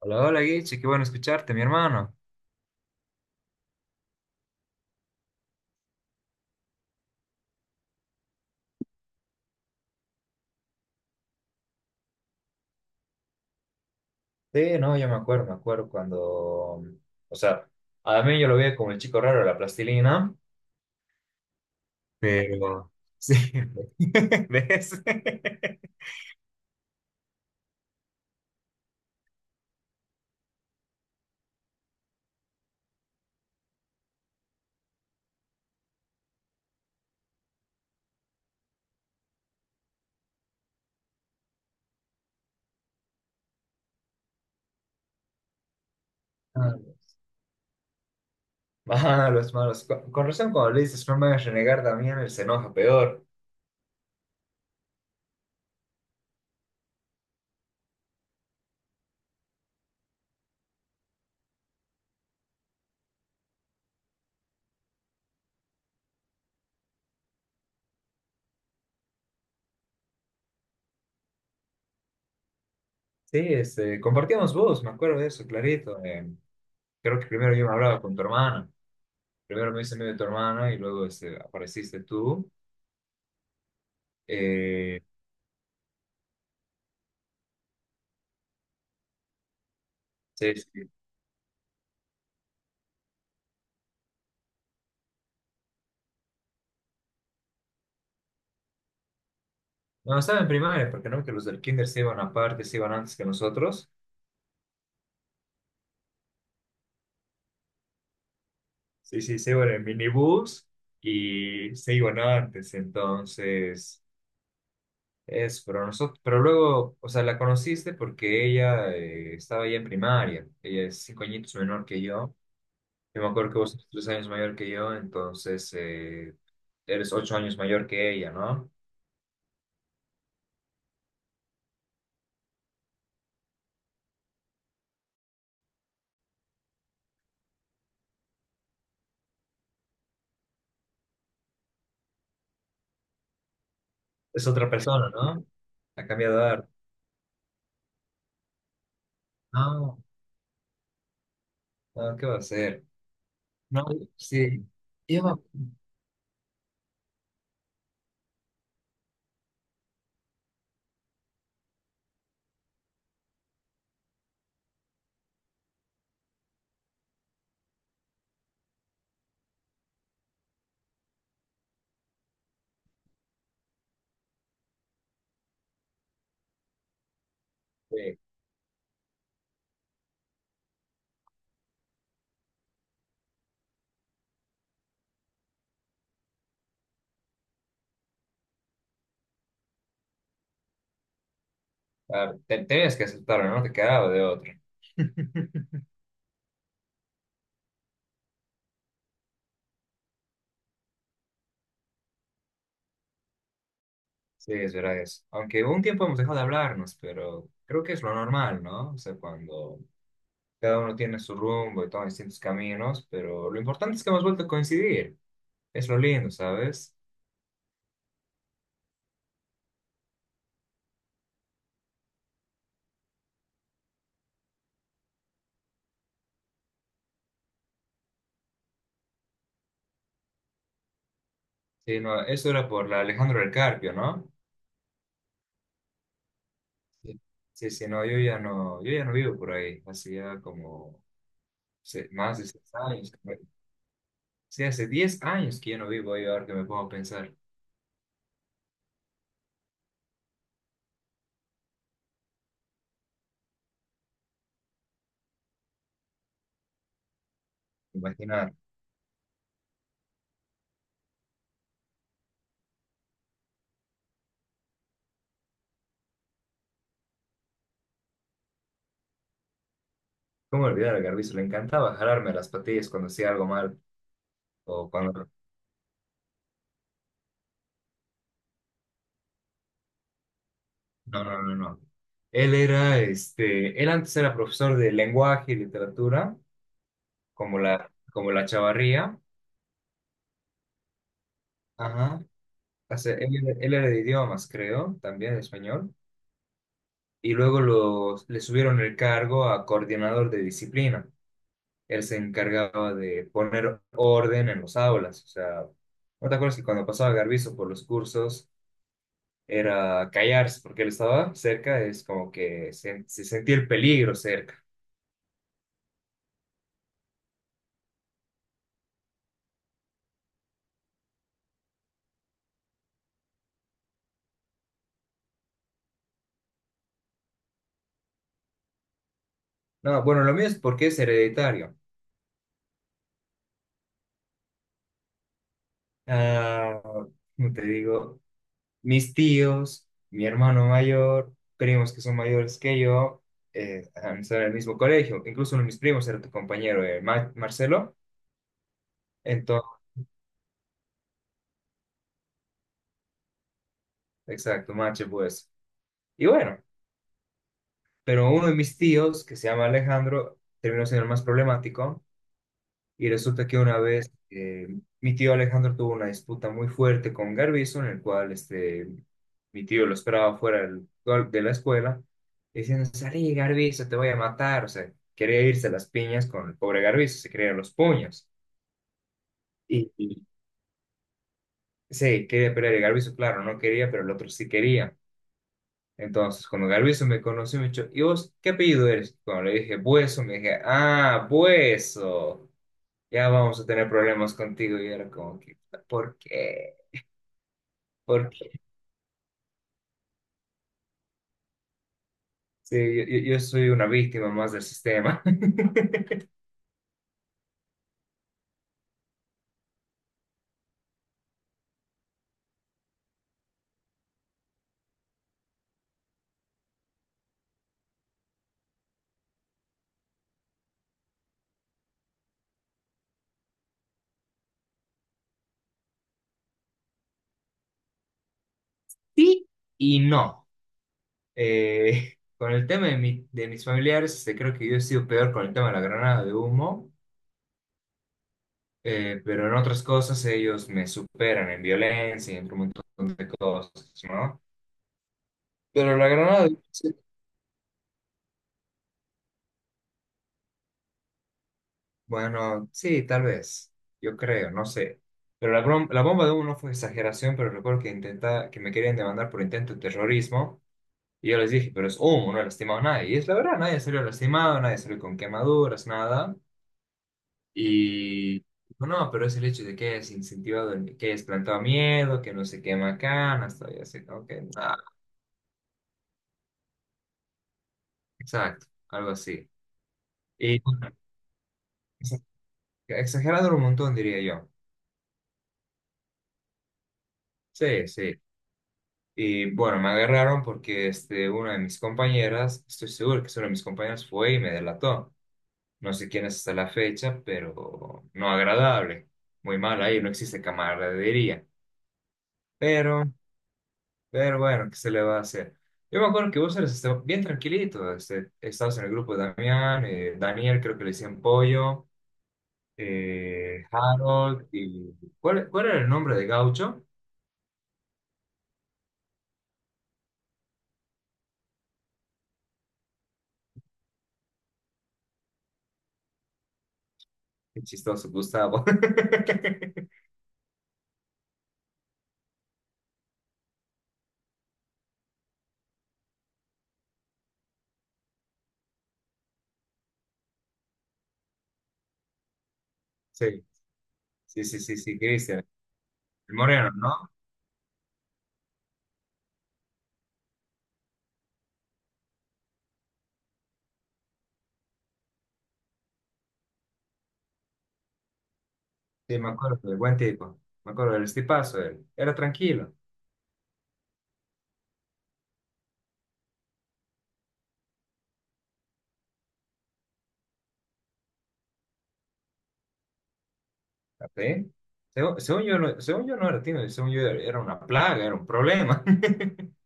Hola, hola Guiche, qué bueno escucharte, mi hermano. Sí, no, yo me acuerdo cuando, o sea, a mí yo lo veía como el chico raro de la plastilina, pero sí, ¿ves? Malos, malos, malos. Con razón cuando le dices, no me hagas renegar, Damián, él se enoja peor. Sí, este, compartíamos voz, me acuerdo de eso, clarito. Creo que primero yo me hablaba con tu hermana, primero me hice amigo de tu hermana y luego este, apareciste tú. Eh, sí, sí. No, estaba en primaria, porque no, que los del kinder se iban aparte, se iban antes que nosotros. Sí, sí, se iban en minibús y se iban antes, entonces, es, pero nosotros, pero luego, o sea, la conociste porque ella estaba ya en primaria. Ella es 5 añitos menor que yo me acuerdo que vos eres 3 años mayor que yo, entonces eres 8 años mayor que ella, ¿no? Es otra persona, ¿no? Ha cambiado de edad. No, no, ¿qué va a hacer? No, sí. Yo me- Claro, tenías que aceptarlo, no te quedaba de otro. Sí, es verdad eso. Aunque un tiempo hemos dejado de hablarnos, pero creo que es lo normal, ¿no? O sea, cuando cada uno tiene su rumbo y toma distintos caminos, pero lo importante es que hemos vuelto a coincidir. Es lo lindo, ¿sabes? Sí, no, eso era por la Alejandro del Carpio, ¿no? Sí, sí, sí, no, yo ya no vivo por ahí. Hacía como más de 6 años. Que no- Sí, hace 10 años que yo no vivo ahí, ahora que me pongo a pensar. Imaginar. ¿Cómo olvidar a Garbizo? Le encantaba jalarme las patillas cuando hacía algo mal o cuando... No, no, no, no. Él era, este, él antes era profesor de lenguaje y literatura, como la Chavarría. Ajá. O sea, él era de idiomas, creo, también de español. Y luego le subieron el cargo a coordinador de disciplina. Él se encargaba de poner orden en los aulas. O sea, ¿no te acuerdas que cuando pasaba Garbizo por los cursos era callarse, porque él estaba cerca, es como que se sentía el peligro cerca. No, bueno, lo mío es porque es hereditario. Ah, ¿cómo te digo, mis tíos, mi hermano mayor, primos que son mayores que yo, han estado en el mismo colegio. Incluso uno de mis primos era tu compañero, Marcelo. Entonces, exacto, Mache, pues. Y bueno, pero uno de mis tíos, que se llama Alejandro, terminó siendo el más problemático. Y resulta que una vez mi tío Alejandro tuvo una disputa muy fuerte con Garbizo, en el cual este, mi tío lo esperaba fuera de la escuela, diciendo, salí Garbizo, te voy a matar. O sea, quería irse a las piñas con el pobre Garbizo, se querían los puños. Y sí, quería pelear y Garbizo, claro, no quería, pero el otro sí quería. Entonces, cuando Garbizo me conoció, me dijo, ¿y vos qué apellido eres? Cuando le dije, Bueso, me dije, ah, Bueso, ya vamos a tener problemas contigo. Y era como que, ¿por qué? ¿Por qué? Sí, yo soy una víctima más del sistema. Sí y no. Con el tema de mis familiares, este, creo que yo he sido peor con el tema de la granada de humo, pero en otras cosas ellos me superan en violencia y en un montón de cosas, ¿no? Pero la granada de humo sí. Bueno, sí, tal vez. Yo creo, no sé. Pero la bomba de uno fue exageración, pero recuerdo que intenta que me querían demandar por intento de terrorismo. Y yo les dije, pero es humo, no he lastimado a nadie. Y es la verdad, nadie salió lastimado, nadie salió con quemaduras, nada. Y dijo, no, pero es el hecho de que hayas incentivado, que hayas plantado miedo, que no se quema canas, y así, como que nada. Exacto, algo así. Y bueno, exa- exagerado un montón, diría yo. Sí, sí. Y bueno, me agarraron porque este, una de mis compañeras, estoy seguro que es una de mis compañeras, fue y me delató. No sé quién es hasta la fecha, pero no agradable. Muy mal ahí, no existe camaradería. Pero, pero bueno, ¿qué se le va a hacer? Yo me acuerdo que vos eres este, bien tranquilito. Este, estabas en el grupo de Damián, Daniel creo que le decían Pollo, Harold y... ¿Cuál era el nombre de Gaucho? Qué chistoso, Gustavo. Sí, sí, sí, sí, sí, Cristian. El Moreno, ¿no? Sí, me acuerdo, el buen tipo. Me acuerdo del estipazo, él. Era tranquilo. ¿Sí? Según, según yo no era tímido, según yo era una plaga, era un problema.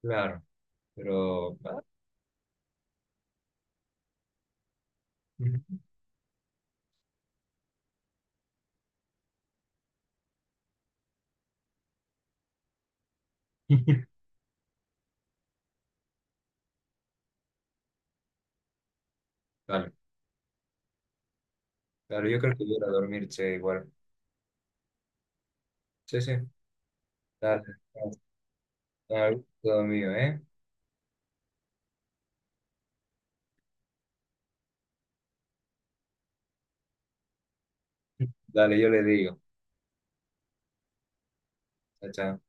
Claro, pero... ah, ujú. Dale, dale, yo creo que voy a ir a dormir, che, igual. Sí, sí, dale, dale, dale, todo mío, ¿eh? Dale, yo le digo. Chao, chao.